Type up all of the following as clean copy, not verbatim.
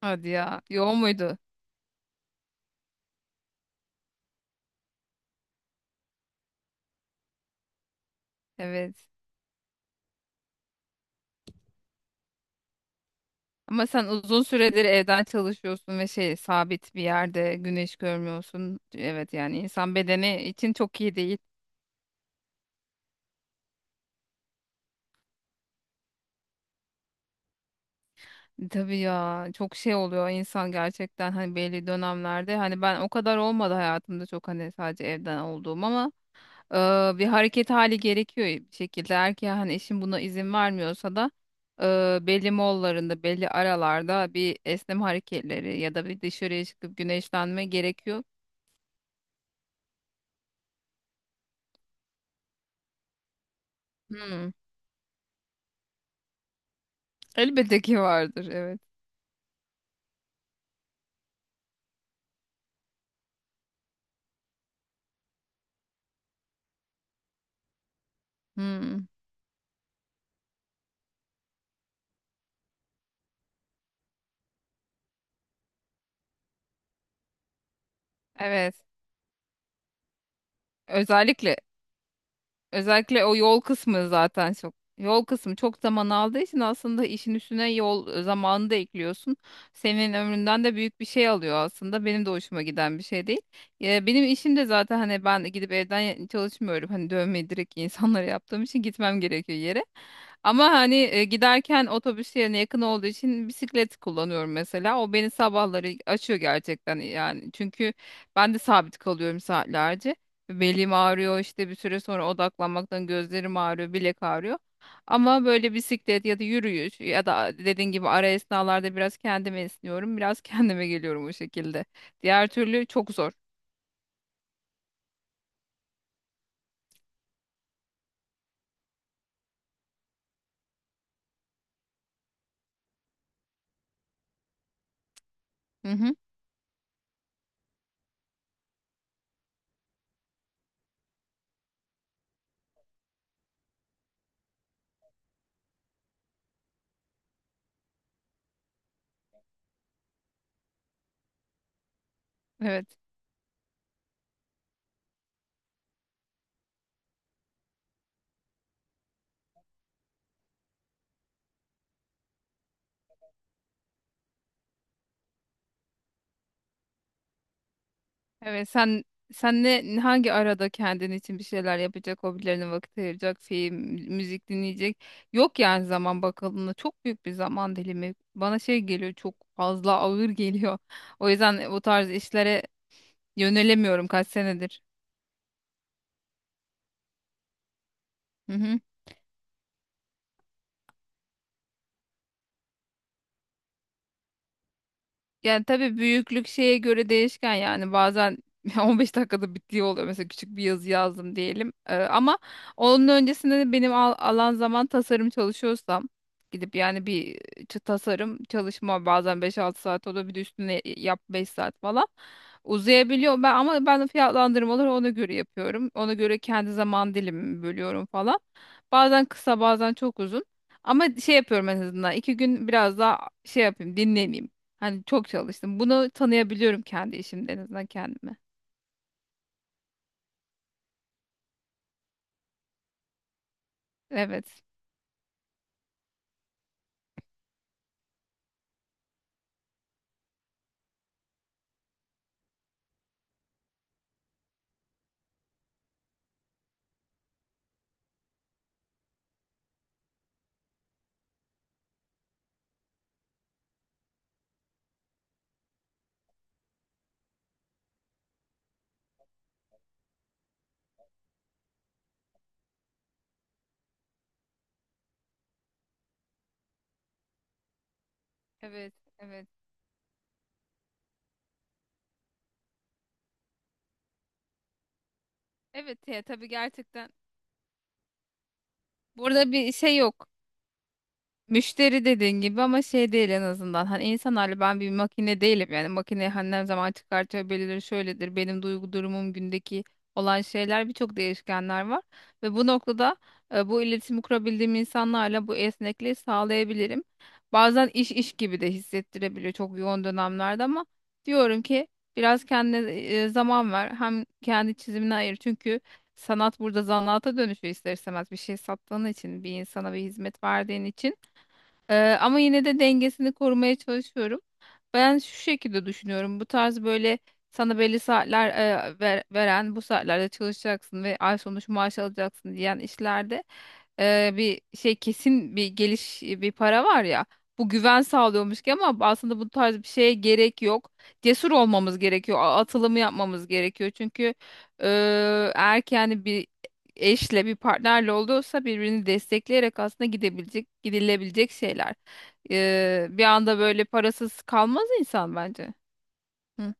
Hadi ya. Yoğun muydu? Evet. Ama sen uzun süredir evden çalışıyorsun ve şey sabit bir yerde güneş görmüyorsun. Evet, yani insan bedeni için çok iyi değil. Tabii ya, çok şey oluyor insan gerçekten, hani belli dönemlerde, hani ben o kadar olmadı hayatımda çok, hani sadece evden olduğum ama bir hareket hali gerekiyor bir şekilde. Eğer ki hani eşim buna izin vermiyorsa da belli mollarında belli aralarda bir esneme hareketleri ya da bir dışarıya çıkıp güneşlenme gerekiyor. Hmm. Elbette ki vardır, evet. Hmm. Evet. Özellikle Özellikle o yol kısmı zaten çok, yol kısmı çok zaman aldığı için aslında işin üstüne yol zamanını da ekliyorsun. Senin ömründen de büyük bir şey alıyor aslında. Benim de hoşuma giden bir şey değil. Ya benim işim de zaten hani, ben gidip evden çalışmıyorum. Hani dövmeyi direkt insanlara yaptığım için gitmem gerekiyor yere. Ama hani giderken otobüs yerine yakın olduğu için bisiklet kullanıyorum mesela. O beni sabahları açıyor gerçekten yani. Çünkü ben de sabit kalıyorum saatlerce. Belim ağrıyor işte, bir süre sonra odaklanmaktan gözlerim ağrıyor, bilek ağrıyor. Ama böyle bisiklet ya da yürüyüş ya da dediğin gibi ara esnalarda biraz kendime esniyorum, biraz kendime geliyorum o şekilde. Diğer türlü çok zor. Hı hı. Evet. Evet. Sen ne, hangi arada kendin için bir şeyler yapacak, hobilerine vakit ayıracak, film, müzik dinleyecek? Yok yani, zaman bakıldığında çok büyük bir zaman dilimi. Bana şey geliyor, çok fazla ağır geliyor. O yüzden bu tarz işlere yönelemiyorum kaç senedir. Hı hı. Yani tabii büyüklük şeye göre değişken yani, bazen 15 dakikada bittiği oluyor. Mesela küçük bir yazı yazdım diyelim. Ama onun öncesinde de benim alan zaman, tasarım çalışıyorsam gidip yani bir tasarım çalışma bazen 5-6 saat oluyor. Bir de üstüne yap 5 saat falan. Uzayabiliyor, ben ama ben fiyatlandırmaları ona göre yapıyorum. Ona göre kendi zaman dilimimi bölüyorum falan. Bazen kısa, bazen çok uzun. Ama şey yapıyorum, en azından 2 gün biraz daha şey yapayım, dinleneyim. Hani çok çalıştım. Bunu tanıyabiliyorum kendi işimde, en azından kendime. Evet. Evet. Evet. Evet. Ya, tabii gerçekten. Burada bir şey yok. Müşteri, dediğin gibi ama şey değil en azından. Hani insanlarla, ben bir makine değilim yani. Makine hani, ne zaman çıkartıyor, belirir, şöyledir. Benim duygu durumum, gündeki olan şeyler, birçok değişkenler var. Ve bu noktada bu iletişimi kurabildiğim insanlarla bu esnekliği sağlayabilirim. Bazen iş iş gibi de hissettirebiliyor çok yoğun dönemlerde, ama diyorum ki biraz kendine zaman ver. Hem kendi çizimine ayır, çünkü sanat burada zanaata dönüşüyor ister istemez, bir şey sattığın için, bir insana bir hizmet verdiğin için. Ama yine de dengesini korumaya çalışıyorum. Ben şu şekilde düşünüyorum. Bu tarz böyle sana belli saatler veren, bu saatlerde çalışacaksın ve ay sonu şu maaş alacaksın diyen işlerde bir şey, kesin bir geliş, bir para var ya. Bu güven sağlıyormuş ki, ama aslında bu tarz bir şeye gerek yok. Cesur olmamız gerekiyor. Atılımı yapmamız gerekiyor. Çünkü e, eğer ki yani bir eşle, bir partnerle olduysa birbirini destekleyerek aslında gidebilecek, gidilebilecek şeyler. Bir anda böyle parasız kalmaz insan bence. Hı,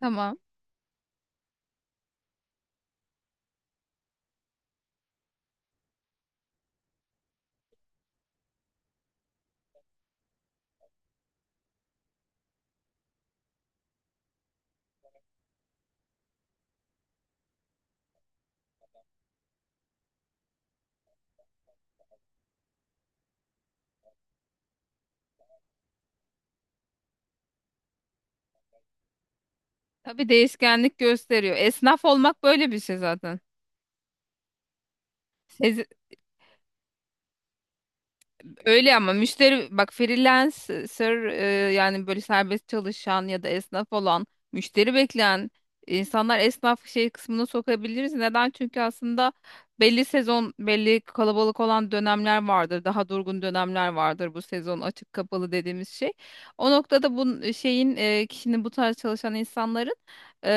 tamam. Tabii, değişkenlik gösteriyor. Esnaf olmak böyle bir şey zaten. Öyle ama müşteri, bak freelancer, yani böyle serbest çalışan ya da esnaf olan, müşteri bekleyen insanlar esnaf şey kısmına sokabiliriz. Neden? Çünkü aslında belli sezon, belli kalabalık olan dönemler vardır. Daha durgun dönemler vardır, bu sezon açık kapalı dediğimiz şey. O noktada bu şeyin, kişinin, bu tarz çalışan insanların,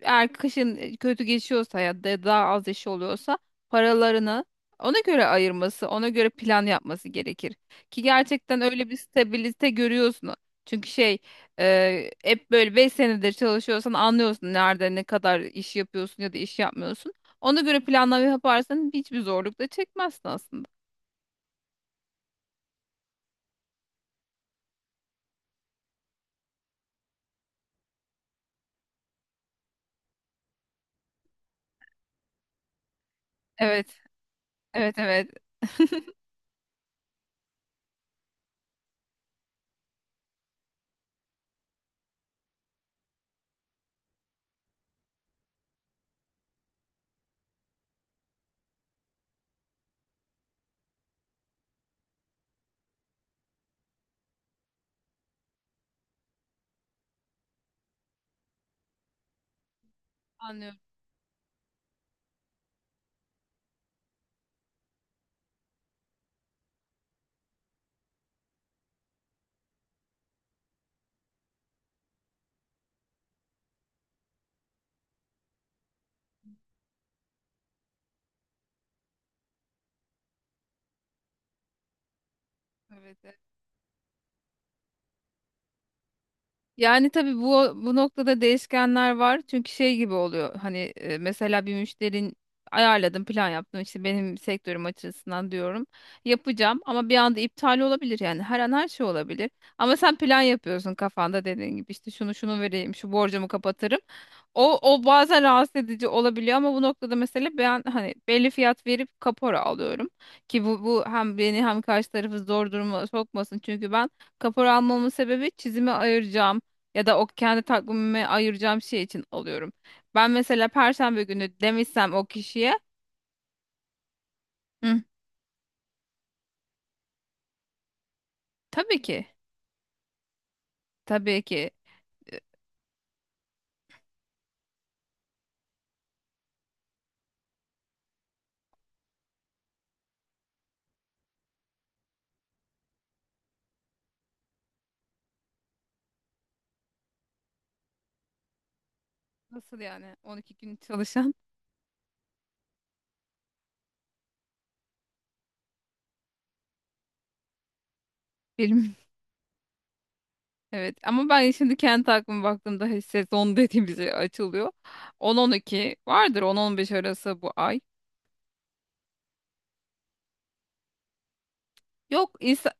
eğer kışın kötü geçiyorsa ya da daha az işi oluyorsa, paralarını ona göre ayırması, ona göre plan yapması gerekir. Ki gerçekten öyle bir stabilite görüyorsun. Çünkü şey, hep böyle 5 senedir çalışıyorsan anlıyorsun nerede ne kadar iş yapıyorsun ya da iş yapmıyorsun. Ona göre planlama yaparsan hiçbir zorluk da çekmezsin aslında. Evet, evet, evet. Anlıyorum. Evet, yani tabii bu noktada değişkenler var. Çünkü şey gibi oluyor. Hani mesela bir müşterin ayarladım, plan yaptım. İşte benim sektörüm açısından diyorum. Yapacağım ama bir anda iptal olabilir yani. Her an her şey olabilir. Ama sen plan yapıyorsun kafanda dediğin gibi, işte şunu şunu vereyim, şu borcumu kapatırım. O bazen rahatsız edici olabiliyor, ama bu noktada mesela ben hani belli fiyat verip kapora alıyorum. Ki bu hem beni hem karşı tarafı zor duruma sokmasın. Çünkü ben, kapora almamın sebebi çizime ayıracağım ya da o kendi takvimime ayıracağım şey için alıyorum. Ben mesela Perşembe günü demişsem o kişiye. Hı, tabii ki, tabii ki. E, nasıl yani, 12 gün çalışan? Film. Evet, ama ben şimdi kendi aklıma baktığımda hani sezon dediğimiz şey açılıyor. 10-12 vardır, 10-15 arası bu ay. Yok insan,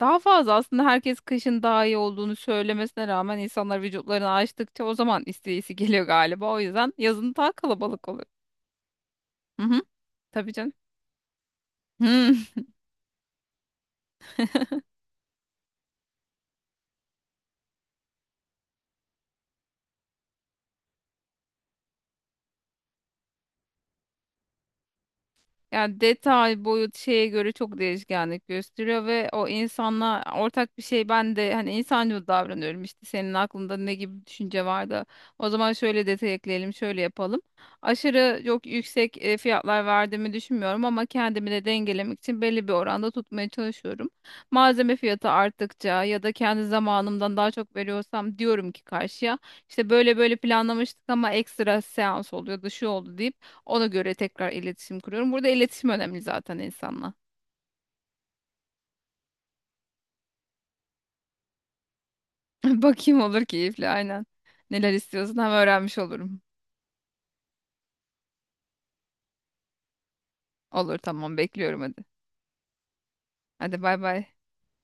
daha fazla aslında. Herkes kışın daha iyi olduğunu söylemesine rağmen, insanlar vücutlarını açtıkça o zaman isteği geliyor galiba. O yüzden yazın daha kalabalık oluyor. Hı hı, tabii canım. Hı. Yani detay, boyut şeye göre çok değişkenlik gösteriyor ve o insanla ortak bir şey, ben de hani insancıl davranıyorum, işte senin aklında ne gibi bir düşünce var da o zaman şöyle detay ekleyelim, şöyle yapalım. Aşırı çok yüksek fiyatlar verdiğimi düşünmüyorum, ama kendimi de dengelemek için belli bir oranda tutmaya çalışıyorum. Malzeme fiyatı arttıkça ya da kendi zamanımdan daha çok veriyorsam diyorum ki karşıya, işte böyle böyle planlamıştık ama ekstra seans oluyordu, şu oldu deyip ona göre tekrar iletişim kuruyorum. Burada iletişim önemli zaten insanla. Bakayım, olur, keyifli, aynen. Neler istiyorsun, hem öğrenmiş olurum. Olur, tamam, bekliyorum, hadi. Hadi, bay bay.